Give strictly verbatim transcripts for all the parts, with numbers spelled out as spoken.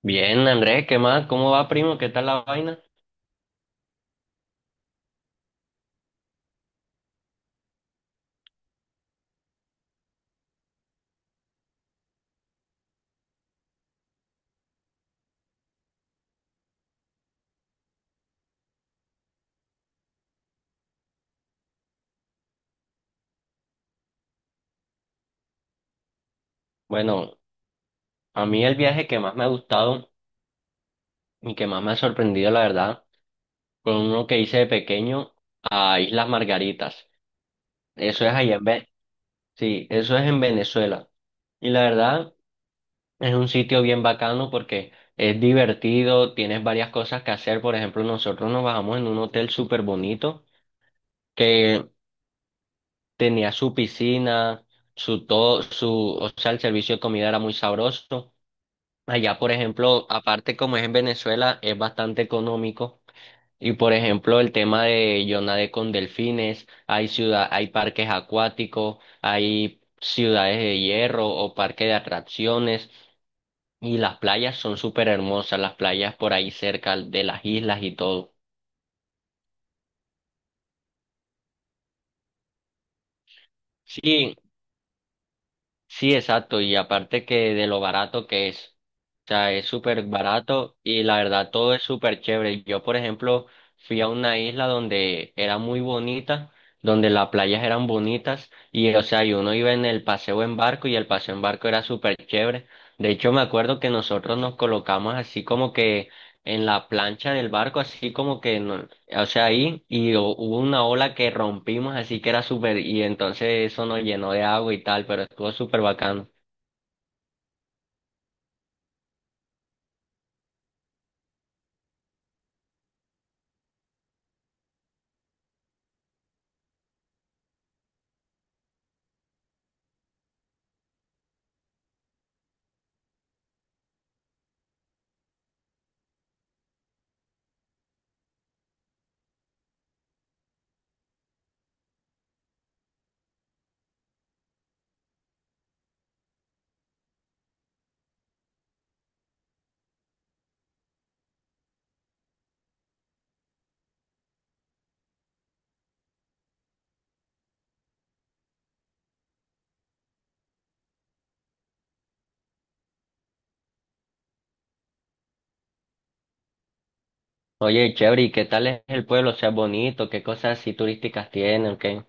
Bien, Andrés, ¿qué más? ¿Cómo va, primo? ¿Qué tal la vaina? Bueno, a mí el viaje que más me ha gustado y que más me ha sorprendido, la verdad, fue uno que hice de pequeño a Islas Margaritas. Eso es allá en Ve- Sí, eso es en Venezuela. Y la verdad, es un sitio bien bacano porque es divertido, tienes varias cosas que hacer. Por ejemplo, nosotros nos bajamos en un hotel súper bonito que tenía su piscina, su todo, su, o sea, el servicio de comida era muy sabroso. Allá, por ejemplo, aparte como es en Venezuela, es bastante económico. Y por ejemplo, el tema de yo nadé con delfines, hay ciudad, hay parques acuáticos, hay ciudades de hierro o parques de atracciones, y las playas son súper hermosas, las playas por ahí cerca de las islas y todo. Sí, sí, exacto, y aparte que de lo barato que es, o sea, es súper barato y la verdad todo es súper chévere. Yo, por ejemplo, fui a una isla donde era muy bonita, donde las playas eran bonitas y, o sea, y uno iba en el paseo en barco y el paseo en barco era súper chévere. De hecho, me acuerdo que nosotros nos colocamos así como que en la plancha del barco, así como que no- o sea, ahí y hu- hubo una ola que rompimos, así que era súper, y entonces eso nos llenó de agua y tal, pero estuvo súper bacano. Oye, chévere, ¿y qué tal es el pueblo? O sea, bonito, ¿qué cosas así turísticas tienen? ¿Qué?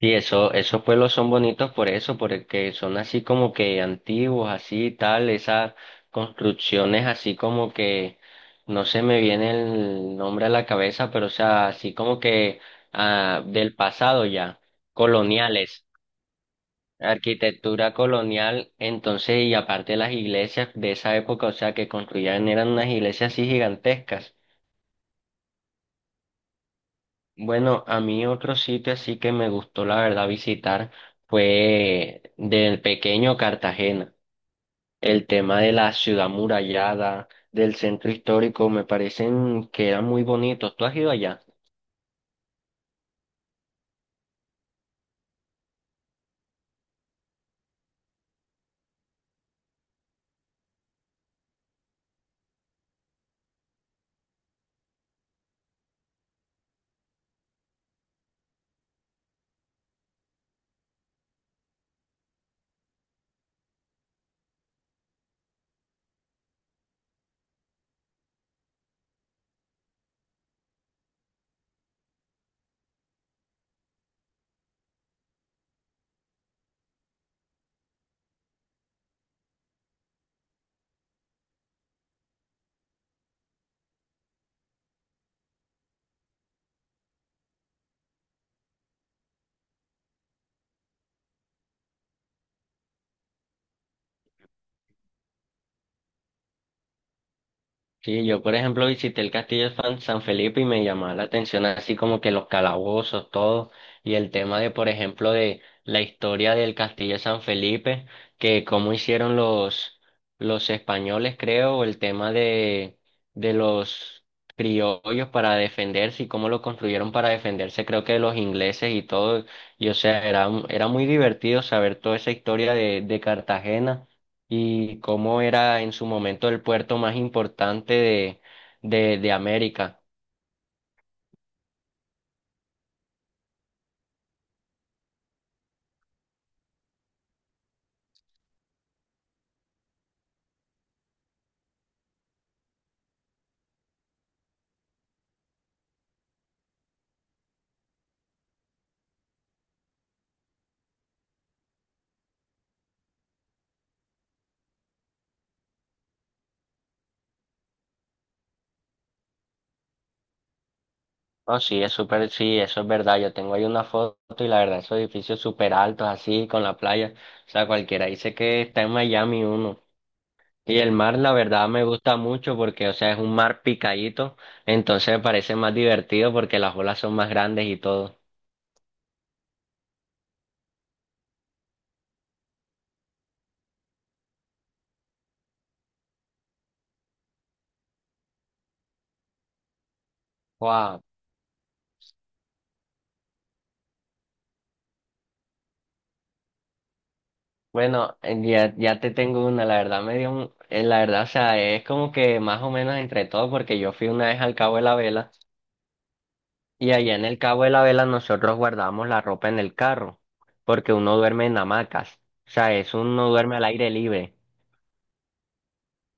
Sí, eso, esos pueblos son bonitos por eso, porque son así como que antiguos, así tal, esas construcciones así como que, no se me viene el nombre a la cabeza, pero o sea, así como que ah, del pasado ya, coloniales. Arquitectura colonial, entonces, y aparte las iglesias de esa época, o sea, que construían eran unas iglesias así gigantescas. Bueno, a mí otro sitio así que me gustó, la verdad, visitar fue del pequeño Cartagena. El tema de la ciudad murallada, del centro histórico, me parecen que eran muy bonitos. ¿Tú has ido allá? Sí, yo por ejemplo visité el castillo de Fan- San Felipe y me llamaba la atención así como que los calabozos, todo, y el tema de por ejemplo de la historia del castillo de San Felipe, que cómo hicieron los, los españoles creo, o el tema de, de los criollos para defenderse y cómo lo construyeron para defenderse creo que de los ingleses y todo, y o sea, era, un- era muy divertido saber toda esa historia de, de Cartagena y cómo era en su momento el puerto más importante de, de, de América. Oh, sí, es súper, sí, eso es verdad. Yo tengo ahí una foto y la verdad, esos edificios súper altos, así, con la playa. O sea, cualquiera dice que está en Miami uno. Y el mar, la verdad, me gusta mucho porque, o sea, es un mar picadito, entonces me parece más divertido porque las olas son más grandes y todo. Guau, bueno, eh, ya, ya te tengo una, la verdad me dio un- eh, la verdad, o sea, es como que más o menos entre todo, porque yo fui una vez al Cabo de la Vela, y allá en el Cabo de la Vela nosotros guardamos la ropa en el carro, porque uno duerme en hamacas, o sea, eso uno duerme al aire libre,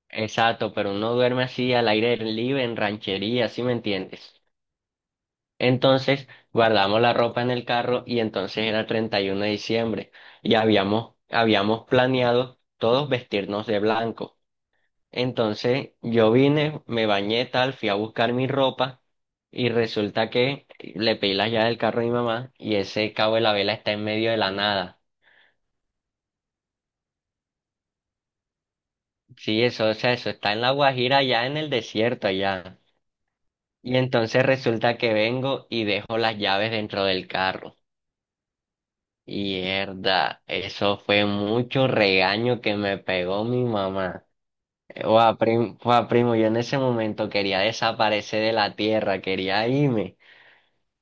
exacto, pero uno duerme así al aire libre, en ranchería, ¿sí me entiendes? Entonces, guardamos la ropa en el carro, y entonces era treinta y uno de diciembre, y habíamos, habíamos planeado todos vestirnos de blanco. Entonces yo vine, me bañé tal, fui a buscar mi ropa y resulta que le pedí las llaves del carro a mi mamá y ese cabo de la vela está en medio de la nada. Sí, eso, o sea, eso está en la Guajira, allá en el desierto, allá. Y entonces resulta que vengo y dejo las llaves dentro del carro. Y mierda, eso fue mucho regaño que me pegó mi mamá. Guau, prim- guau, primo, yo en ese momento quería desaparecer de la tierra, quería irme.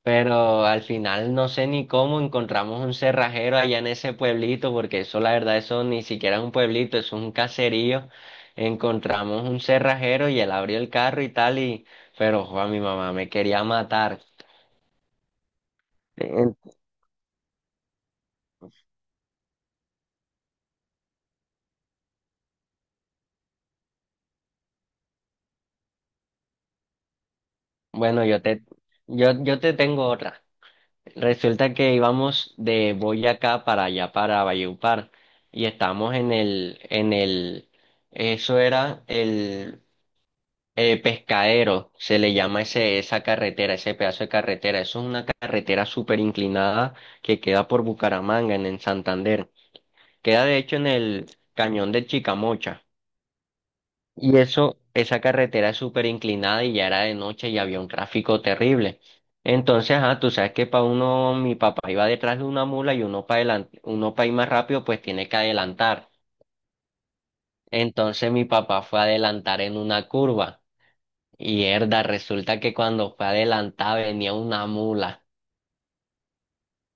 Pero al final no sé ni cómo encontramos un cerrajero allá en ese pueblito, porque eso la verdad, eso ni siquiera es un pueblito, eso es un caserío. Encontramos un cerrajero y él abrió el carro y tal, y pero jo, a mi mamá me quería matar. Eh, Bueno, yo te, yo, yo te tengo otra. Resulta que íbamos de Boyacá para allá, para Valledupar, y estábamos en el, en el, eso era el Eh, Pescadero, se le llama ese, esa carretera, ese pedazo de carretera. Eso es una carretera súper inclinada que queda por Bucaramanga, en, en Santander. Queda de hecho en el cañón de Chicamocha. Y eso, esa carretera es súper inclinada y ya era de noche y había un tráfico terrible. Entonces, ah, tú sabes que para uno, mi papá iba detrás de una mula y uno para adelante, uno para ir más rápido, pues tiene que adelantar. Entonces mi papá fue a adelantar en una curva. Y herda, resulta que cuando fue adelantada venía una mula.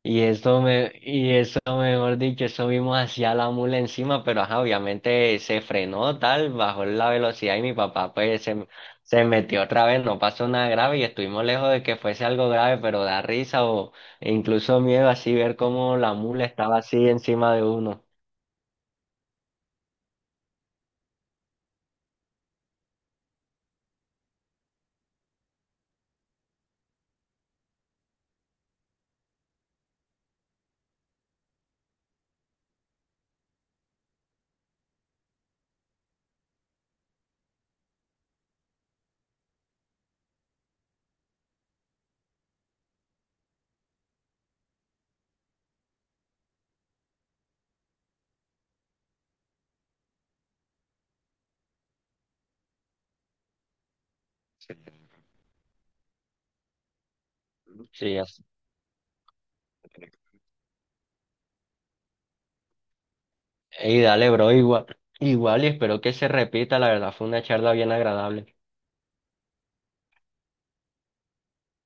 Y eso me, y eso mejor dicho, eso vimos hacia la mula encima, pero ajá, obviamente se frenó tal, bajó la velocidad y mi papá pues se, se metió otra vez, no pasó nada grave y estuvimos lejos de que fuese algo grave, pero da risa o e incluso miedo así ver cómo la mula estaba así encima de uno. Sí, así. Y dale, bro, igual, igual y espero que se repita, la verdad fue una charla bien agradable.